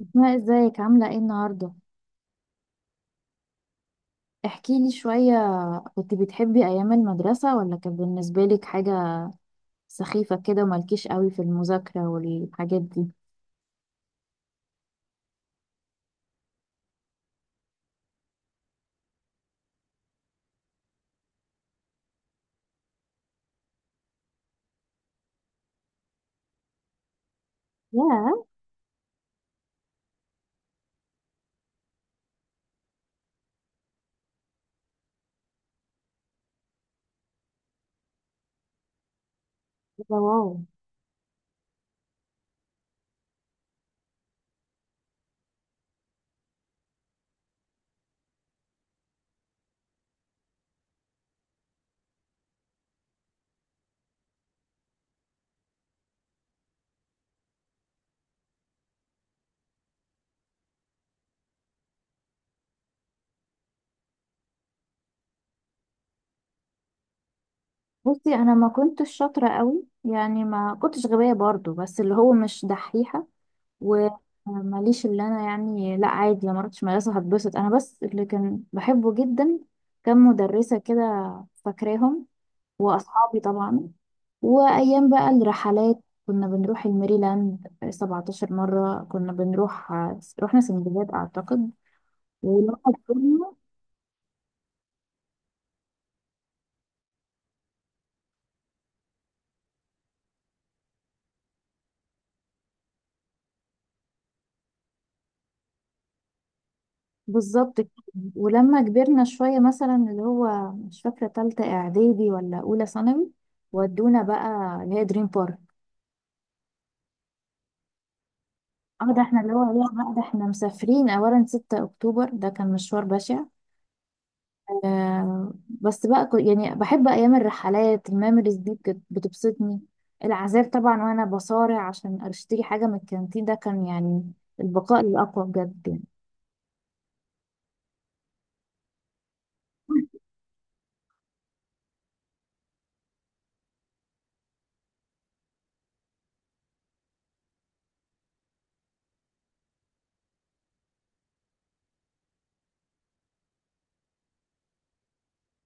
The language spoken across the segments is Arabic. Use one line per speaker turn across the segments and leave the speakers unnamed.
أسماء ازيك عاملة ايه النهاردة؟ احكي لي شوية. كنت بتحبي أيام المدرسة ولا كان بالنسبة لك حاجة سخيفة كده ومالكيش قوي في المذاكرة والحاجات دي؟ ياه. ده واو. بصي أنا ما كنتش شاطرة قوي، يعني ما كنتش غبية برضو، بس اللي هو مش دحيحة. وماليش اللي أنا يعني، لا عادي لما رحتش مدرسة هتبسط. أنا بس اللي كان بحبه جدا كان مدرسة كده، فاكراهم، وأصحابي طبعا، وأيام بقى الرحلات. كنا بنروح الميريلاند 17 مرة كنا بنروح، رحنا سندباد أعتقد. ولما كبرنا بالظبط كده. ولما كبرنا شوية مثلا، اللي هو مش فاكرة تالتة إعدادي ولا أولى ثانوي، ودونا بقى اللي هي دريم بارك. اه ده احنا، اللي هو لا بقى ده احنا مسافرين أولا 6 أكتوبر، ده كان مشوار بشع. بس بقى يعني بحب ايام الرحلات، الميموريز دي بتبسطني. العذاب طبعا وانا بصارع عشان اشتري حاجه من الكانتين، ده كان يعني البقاء الاقوى بجد يعني.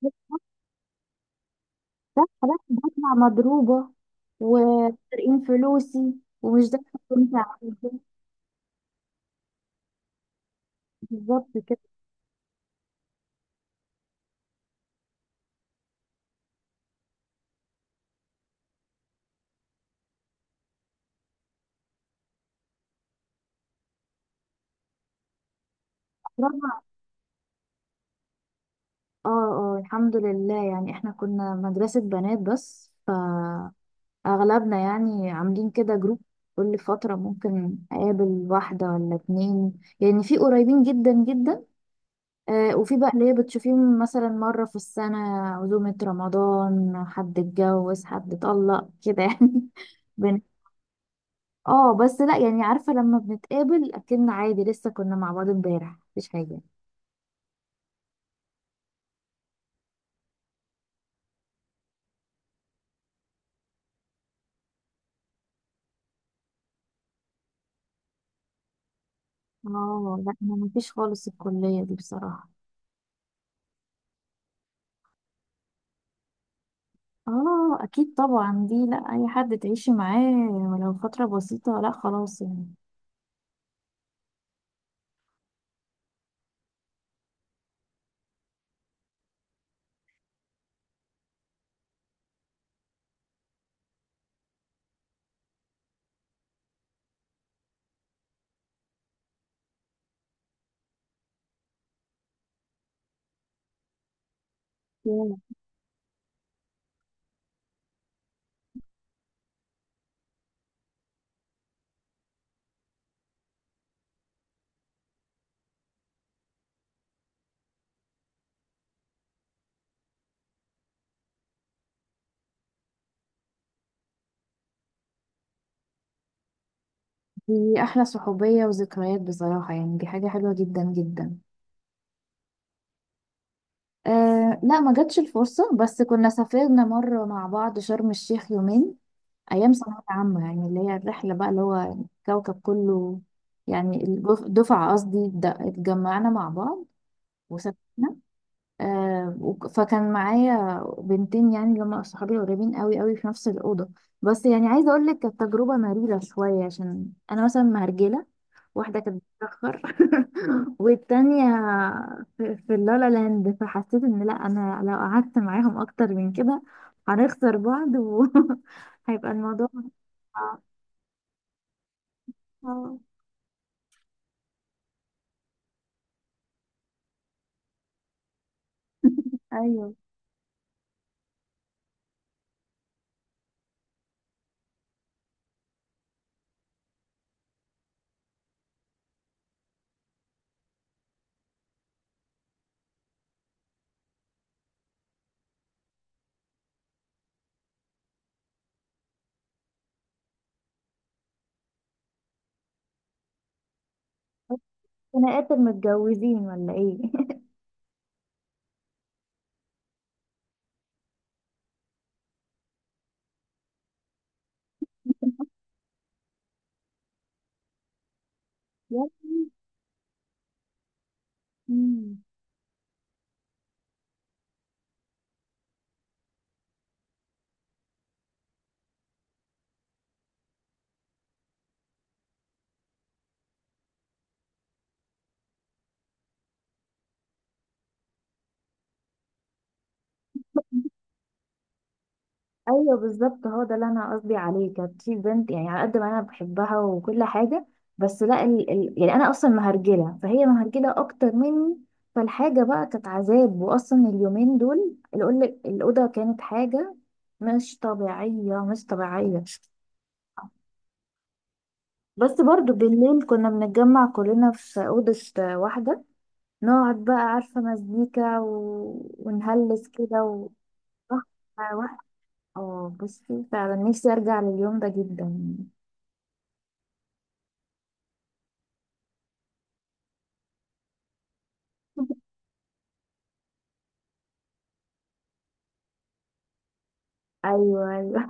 بس بصحى بقى خلاص بطلع مضروبه وسارقين فلوسي ومش ده اللي كنت عايزاه. بالظبط كده. رابعة- اه. اه الحمد لله، يعني احنا كنا مدرسه بنات، بس ف اغلبنا يعني عاملين كده جروب. كل فترة ممكن اقابل واحدة ولا اتنين، يعني في قريبين جدا جدا، آه وفي بقى اللي هي بتشوفيهم مثلا مرة في السنة، عزومة رمضان، حد اتجوز، حد اتطلق كده يعني. بن... اه بس لا يعني، عارفة لما بنتقابل اكن عادي لسه كنا مع بعض امبارح، مفيش حاجة. اه لا ما مفيش خالص، الكلية دي بصراحة. اه اكيد طبعا، دي لا اي حد تعيشي معاه ولو فترة بسيطة، لا خلاص يعني. ياه. دي احلى صحوبية وذكريات بصراحة، يعني دي حاجة حلوة جدا جدا. أه لا ما جاتش الفرصة، بس كنا سافرنا مرة مع بعض شرم الشيخ يومين أيام ثانوية عامة، يعني اللي هي الرحلة بقى اللي هو الكوكب كله، يعني دفعة قصدي، اتجمعنا مع بعض وسافرنا. فكان معايا بنتين يعني اللي هم صحابي قريبين قوي قوي في نفس الأوضة. بس يعني عايزة أقول لك كانت تجربة مريرة شوية، عشان أنا مثلا مهرجلة، واحدة كانت بتتأخر، والتانية في اللالا لاند، فحسيت إن لأ أنا لو قعدت معاهم أكتر من كده هنخسر بعض وهيبقى الموضوع. آه. آه. أيوه. خناقات المتجوزين ولا إيه؟ يا لهوي. ايوه بالظبط، هو ده اللي انا قصدي عليه. كانت في بنت يعني على قد ما انا بحبها وكل حاجه، بس لا يعني انا اصلا مهرجله، فهي مهرجله اكتر مني. فالحاجه بقى كانت عذاب، واصلا اليومين دول الاوضه كانت حاجه مش طبيعيه، مش طبيعيه. بس برضو بالليل كنا بنتجمع كلنا في اوضه واحده، نقعد بقى عارفه مزيكا و... ونهلس كده و... واحده. اه بصي فعلا نفسي ارجع لليوم ده جدا. ايوه ايوه.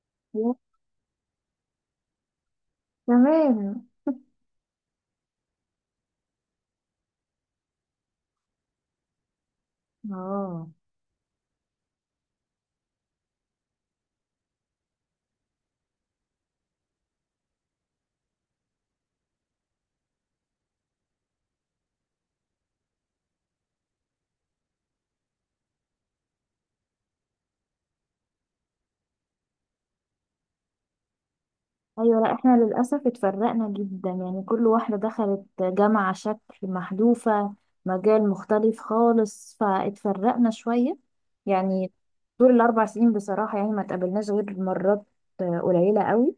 يا تمام. اه ايوه. لا احنا للاسف اتفرقنا جدا، يعني كل واحده دخلت جامعه شكل محذوفه، مجال مختلف خالص، فاتفرقنا شويه يعني. طول الاربع سنين بصراحه يعني ما اتقابلناش غير مرات، آه قليله قوي.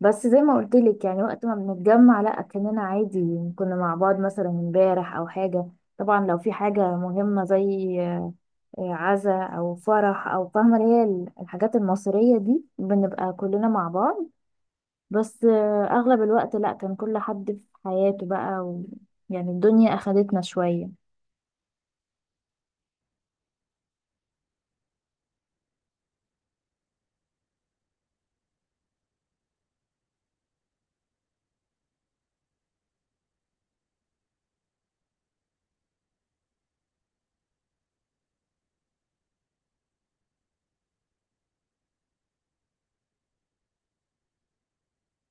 بس زي ما قلت لك، يعني وقت ما بنتجمع لا كاننا عادي كنا مع بعض مثلا امبارح او حاجه. طبعا لو في حاجه مهمه زي آه، عزاء او فرح او فاهمه اللي هي الحاجات المصريه دي، بنبقى كلنا مع بعض. بس آه، اغلب الوقت لا كان كل حد في حياته بقى و... يعني الدنيا اخدتنا شويه.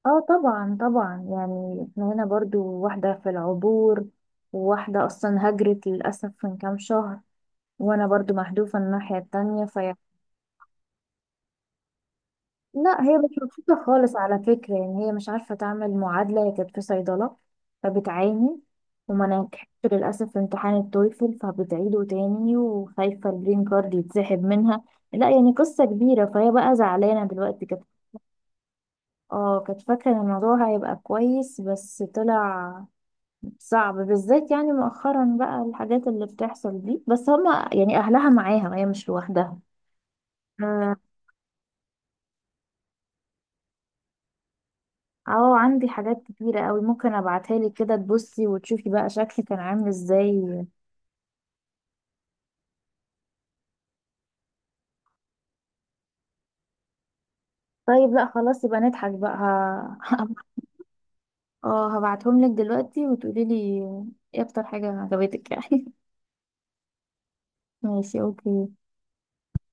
اه طبعا طبعا، يعني احنا هنا برضو واحده في العبور، وواحده اصلا هجرت للاسف من كام شهر، وانا برضو محذوفه الناحيه التانية في. لا هي مش مبسوطة خالص على فكرة، يعني هي مش عارفة تعمل معادلة، هي كانت في صيدلة فبتعاني. وما نجحتش للأسف في امتحان التويفل فبتعيده تاني، وخايفة الجرين كارد يتسحب منها. لا يعني قصة كبيرة، فهي بقى زعلانة دلوقتي كانت. اه كانت فاكرة ان الموضوع هيبقى كويس، بس طلع صعب بالذات يعني مؤخرا بقى الحاجات اللي بتحصل دي، بس هما يعني أهلها معاها، هي مش لوحدها. اه عندي حاجات كتيرة قوي، ممكن ابعتها لك كده تبصي وتشوفي بقى شكلي كان عامل ازاي. طيب لا خلاص، يبقى نضحك بقى. ه- اه هبعتهم لك دلوقتي وتقولي لي ايه اكتر حاجة عجبتك يعني. ماشي اوكي.